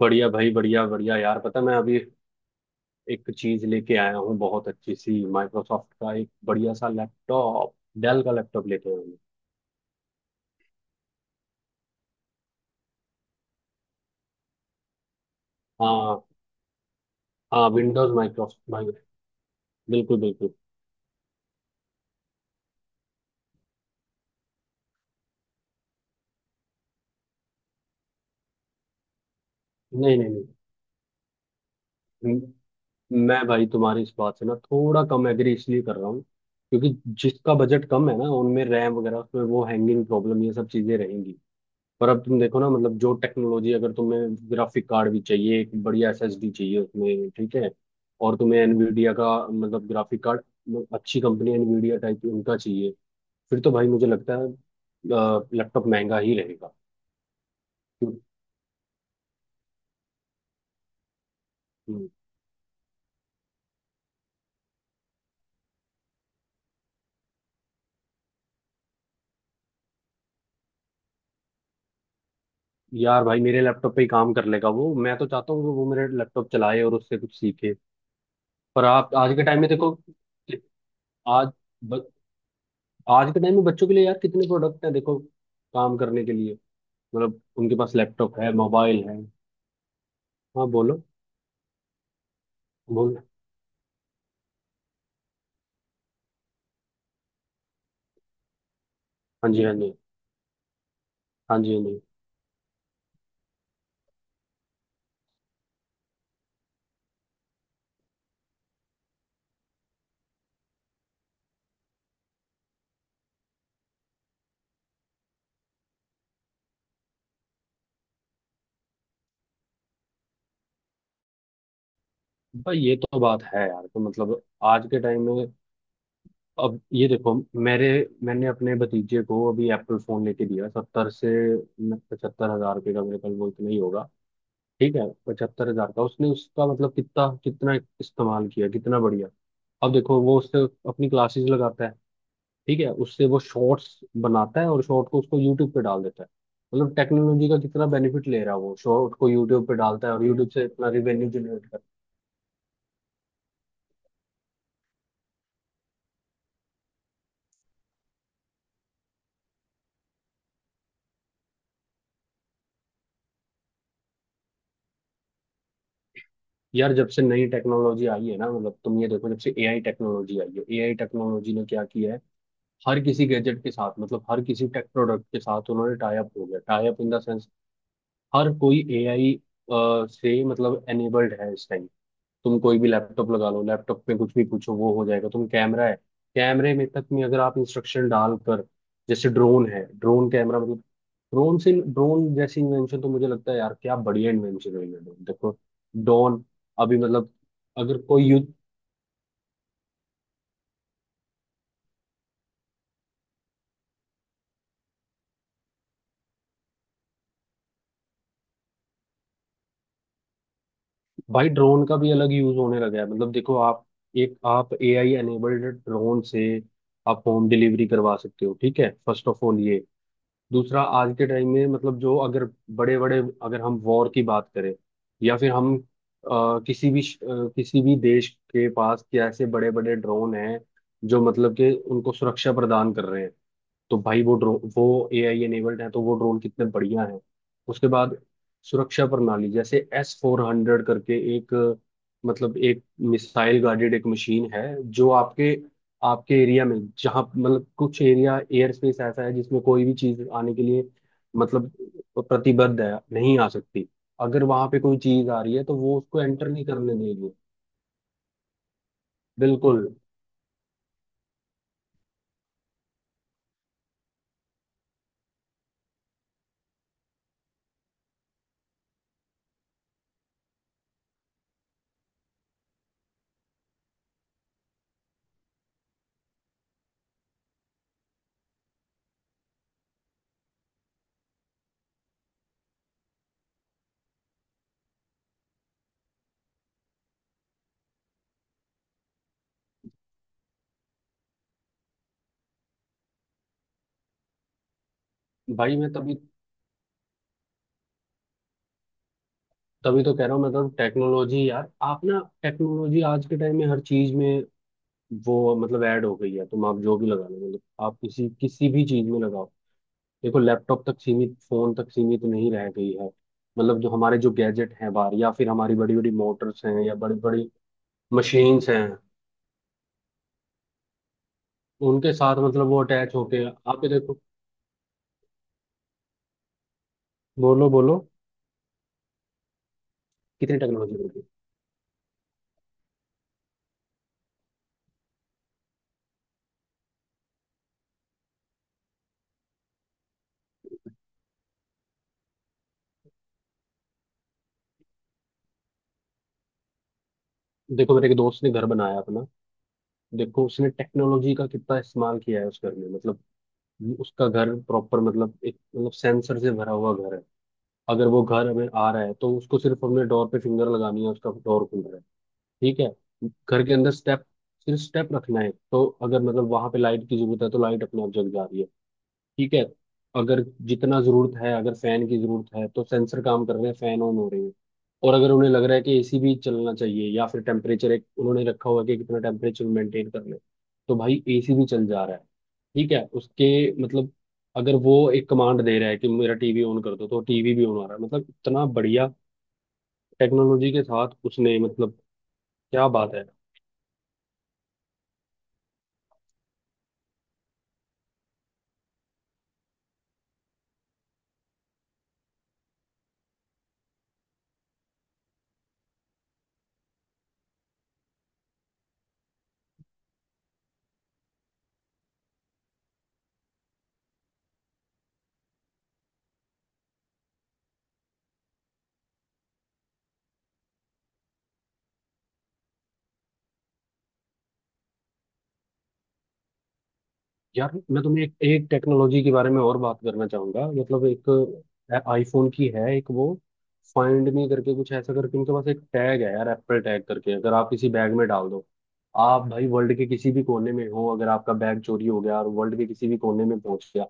बढ़िया भाई, बढ़िया बढ़िया यार। पता है, मैं अभी एक चीज लेके आया हूँ, बहुत अच्छी सी। माइक्रोसॉफ्ट का एक बढ़िया सा लैपटॉप, डेल का लैपटॉप लेके आया हूँ। हाँ। हाँ, विंडोज माइक्रोसॉफ्ट भाई। बिल्कुल बिल्कुल। नहीं नहीं। नहीं म- मैं भाई तुम्हारी इस बात से ना थोड़ा कम एग्री इसलिए कर रहा हूँ, क्योंकि जिसका बजट कम है ना उनमें रैम वगैरह, उसमें वो हैंगिंग प्रॉब्लम ये सब चीजें रहेंगी। पर अब तुम देखो ना, मतलब जो टेक्नोलॉजी, अगर तुम्हें ग्राफिक कार्ड भी चाहिए, एक बढ़िया एसएसडी चाहिए उसमें, ठीक है। और तुम्हें एनवीडिया का मतलब ग्राफिक कार्ड, अच्छी कंपनी एनवीडिया टाइप उनका चाहिए, फिर तो भाई मुझे लगता है लैपटॉप महंगा ही रहेगा। हम्म, यार भाई मेरे लैपटॉप पे ही काम कर लेगा वो। मैं तो चाहता हूँ कि वो मेरे लैपटॉप चलाए और उससे कुछ सीखे। पर आप आज के टाइम में देखो कि आज ब, आज के टाइम में बच्चों के लिए यार कितने प्रोडक्ट हैं, देखो, काम करने के लिए। मतलब उनके पास लैपटॉप है, मोबाइल है। हाँ, बोलो बोलो। हाँ जी, हाँ जी। हाँ जी, हाँ जी। भाई ये तो बात है यार। तो मतलब आज के टाइम में, अब ये देखो, मेरे, मैंने अपने भतीजे को अभी एप्पल फोन लेके दिया, 70,000 से 75,000 रुपये का, मेरे ख्याल वो इतना ही होगा। ठीक है। 75,000 का उसने, उसका मतलब कितना कितना इस्तेमाल किया, कितना बढ़िया। अब देखो वो उससे अपनी क्लासेस लगाता है, ठीक है। उससे वो शॉर्ट्स बनाता है और शॉर्ट को उसको यूट्यूब पे डाल देता है। मतलब टेक्नोलॉजी का कितना बेनिफिट ले रहा है। वो शॉर्ट को यूट्यूब पे डालता है और यूट्यूब से इतना रिवेन्यू जनरेट कर। यार जब से नई टेक्नोलॉजी आई है ना, मतलब तुम ये देखो, जब से एआई टेक्नोलॉजी आई है, एआई टेक्नोलॉजी ने क्या किया है। हर किसी गैजेट के साथ, मतलब हर किसी टेक प्रोडक्ट के साथ उन्होंने टाई अप हो गया, tie up in the sense, हर कोई एआई से मतलब एनेबल्ड है इस टाइम। तुम कोई भी लैपटॉप लगा लो, लैपटॉप में कुछ भी पूछो, वो हो जाएगा। तुम कैमरा है, कैमरे में तक में अगर आप इंस्ट्रक्शन डालकर, जैसे ड्रोन है, ड्रोन कैमरा, मतलब ड्रोन से ड्रोन जैसी इन्वेंशन, तो मुझे लगता है यार क्या बढ़िया इन्वेंशन है ये drone। देखो, ड्रोन, अभी मतलब अगर कोई यूज, भाई ड्रोन का भी अलग यूज होने लगा है, मतलब देखो आप, एक आप एआई एनेबल्ड ड्रोन से आप होम डिलीवरी करवा सकते हो, ठीक है, फर्स्ट ऑफ ऑल ये। दूसरा, आज के टाइम में मतलब जो, अगर बड़े बड़े, अगर हम वॉर की बात करें, या फिर हम, किसी भी किसी भी देश के पास क्या ऐसे बड़े बड़े ड्रोन हैं जो मतलब के उनको सुरक्षा प्रदान कर रहे हैं। तो भाई वो ड्रोन वो एआई एनेबल्ड है, तो वो ड्रोन कितने बढ़िया हैं। उसके बाद सुरक्षा प्रणाली, जैसे S-400 करके एक मतलब एक मिसाइल गार्डेड एक मशीन है, जो आपके, आपके एरिया में जहाँ मतलब कुछ एरिया, एयर स्पेस ऐसा है जिसमें कोई भी चीज आने के लिए, मतलब, प्रतिबद्ध है, नहीं आ सकती। अगर वहां पे कोई चीज आ रही है तो वो उसको एंटर नहीं करने देगी। बिल्कुल। भाई मैं तभी तभी तो कह रहा हूँ, मतलब टेक्नोलॉजी यार, आप ना, टेक्नोलॉजी आज के टाइम में हर चीज में वो मतलब ऐड हो गई है। तुम, आप जो भी लगा लो, मतलब आप किसी किसी भी चीज में लगाओ, देखो लैपटॉप तक सीमित, फोन तक सीमित नहीं रह गई है। मतलब जो हमारे जो गैजेट हैं बाहर, या फिर हमारी बड़ी बड़ी मोटर्स हैं या बड़ी बड़ी मशीन्स हैं, उनके साथ मतलब वो अटैच होके, आप ये देखो। बोलो बोलो, कितनी टेक्नोलॉजी बढ़ गई। देखो, मेरे एक दोस्त ने घर बनाया अपना। देखो उसने टेक्नोलॉजी का कितना इस्तेमाल किया है उस घर में। मतलब उसका घर प्रॉपर, मतलब एक, मतलब सेंसर से भरा हुआ घर है। अगर वो घर हमें आ रहा है, तो उसको सिर्फ हमने डोर पे फिंगर लगानी है, उसका डोर खुल रहा है। ठीक है। घर के अंदर स्टेप, सिर्फ स्टेप रखना है, तो अगर मतलब वहां पे लाइट की जरूरत है तो लाइट अपने आप जग जा रही है। ठीक है। अगर जितना जरूरत है, अगर फैन की जरूरत है तो सेंसर काम कर रहे हैं, फैन ऑन हो रहे हैं। और अगर उन्हें लग रहा है कि एसी भी चलना चाहिए, या फिर टेम्परेचर एक उन्होंने रखा हुआ है कि कितना टेम्परेचर मेंटेन करना है, तो भाई एसी भी चल जा रहा है। ठीक है। उसके, मतलब अगर वो एक कमांड दे रहा है कि मेरा टीवी ऑन कर दो तो टीवी भी ऑन आ रहा है। मतलब इतना बढ़िया टेक्नोलॉजी के साथ उसने मतलब। क्या बात है। यार मैं तुम्हें एक टेक्नोलॉजी के बारे में और बात करना चाहूंगा, मतलब एक आईफोन की है, एक वो फाइंड मी करके कुछ ऐसा, करके उनके पास एक टैग है यार, एप्पल टैग करके। अगर आप किसी बैग में डाल दो, आप भाई वर्ल्ड के किसी भी कोने में हो, अगर आपका बैग चोरी हो गया और वर्ल्ड के किसी भी कोने में पहुंच गया,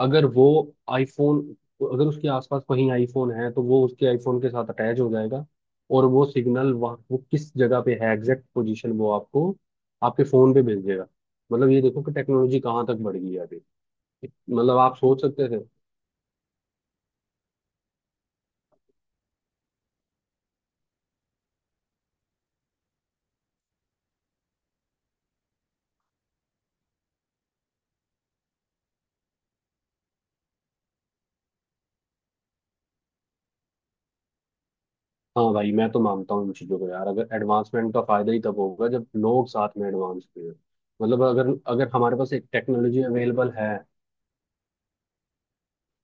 अगर वो आईफोन, अगर उसके आसपास कहीं आईफोन है, तो वो उसके आईफोन के साथ अटैच हो जाएगा। और वो सिग्नल वहाँ, वो किस जगह पे है, एग्जैक्ट पोजीशन वो आपको, आपके फोन पे भेज देगा। मतलब ये देखो कि टेक्नोलॉजी कहाँ तक बढ़ गई है अभी। मतलब आप सोच सकते थे। हाँ भाई, मैं तो मानता हूँ इन चीजों को यार, अगर एडवांसमेंट का फायदा ही तब होगा जब लोग साथ में एडवांस हुए। मतलब अगर अगर हमारे पास एक टेक्नोलॉजी अवेलेबल है।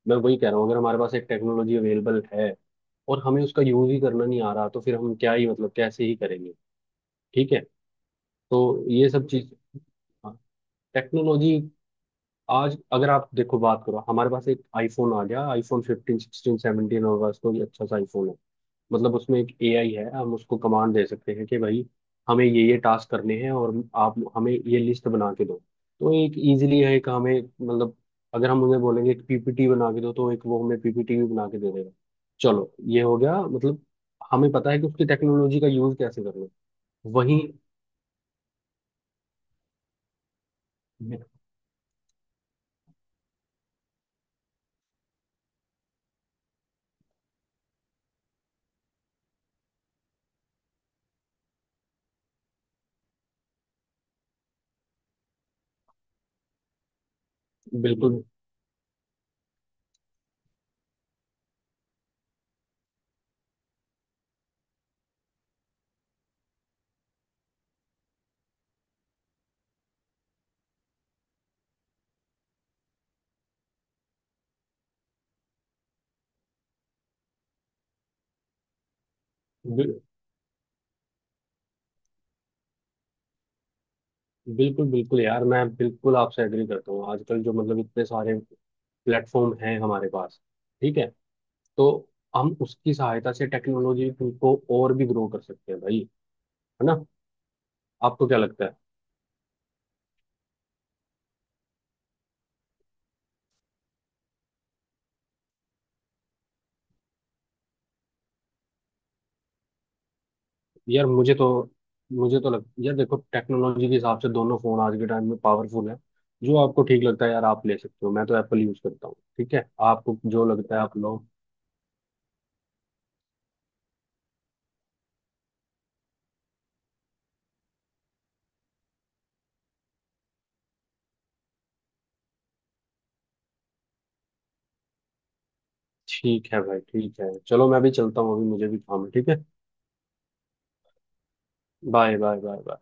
मैं वही कह रहा हूँ, अगर हमारे पास एक टेक्नोलॉजी अवेलेबल है और हमें उसका यूज ही करना नहीं आ रहा, तो फिर हम क्या ही, मतलब, कैसे ही करेंगे। ठीक है। तो ये सब चीज, टेक्नोलॉजी, आज अगर आप देखो बात करो, हमारे पास एक आईफोन आ गया, आईफोन फिफ्टीन सिक्सटीन 17, हमारे पास कोई अच्छा सा आईफोन है, मतलब उसमें एक एआई है। हम उसको कमांड दे सकते हैं कि भाई हमें ये टास्क करने हैं और आप हमें ये लिस्ट बना के दो, तो एक इजीली है। एक हमें मतलब, अगर हम उन्हें बोलेंगे एक पीपीटी बना के दो, तो एक वो हमें पीपीटी भी बना के दे देगा। चलो, ये हो गया, मतलब हमें पता है कि उसकी टेक्नोलॉजी का यूज कैसे करना है। वहीं। बिल्कुल। बिल, बिल्कुल बिल्कुल यार, मैं बिल्कुल आपसे एग्री करता हूँ। आजकल जो मतलब इतने सारे प्लेटफॉर्म हैं हमारे पास, ठीक है, तो हम उसकी सहायता से टेक्नोलॉजी को और भी ग्रो कर सकते हैं भाई। है ना। आपको क्या लगता है। यार मुझे तो लग, यार देखो, टेक्नोलॉजी के हिसाब से दोनों फोन आज के टाइम में पावरफुल है। जो आपको ठीक लगता है यार, आप ले सकते हो। मैं तो एप्पल यूज करता हूँ, ठीक है। आपको जो लगता है आप लो। ठीक है भाई, ठीक है, चलो मैं भी चलता हूँ अभी, मुझे भी काम है। ठीक है। Bye bye bye bye.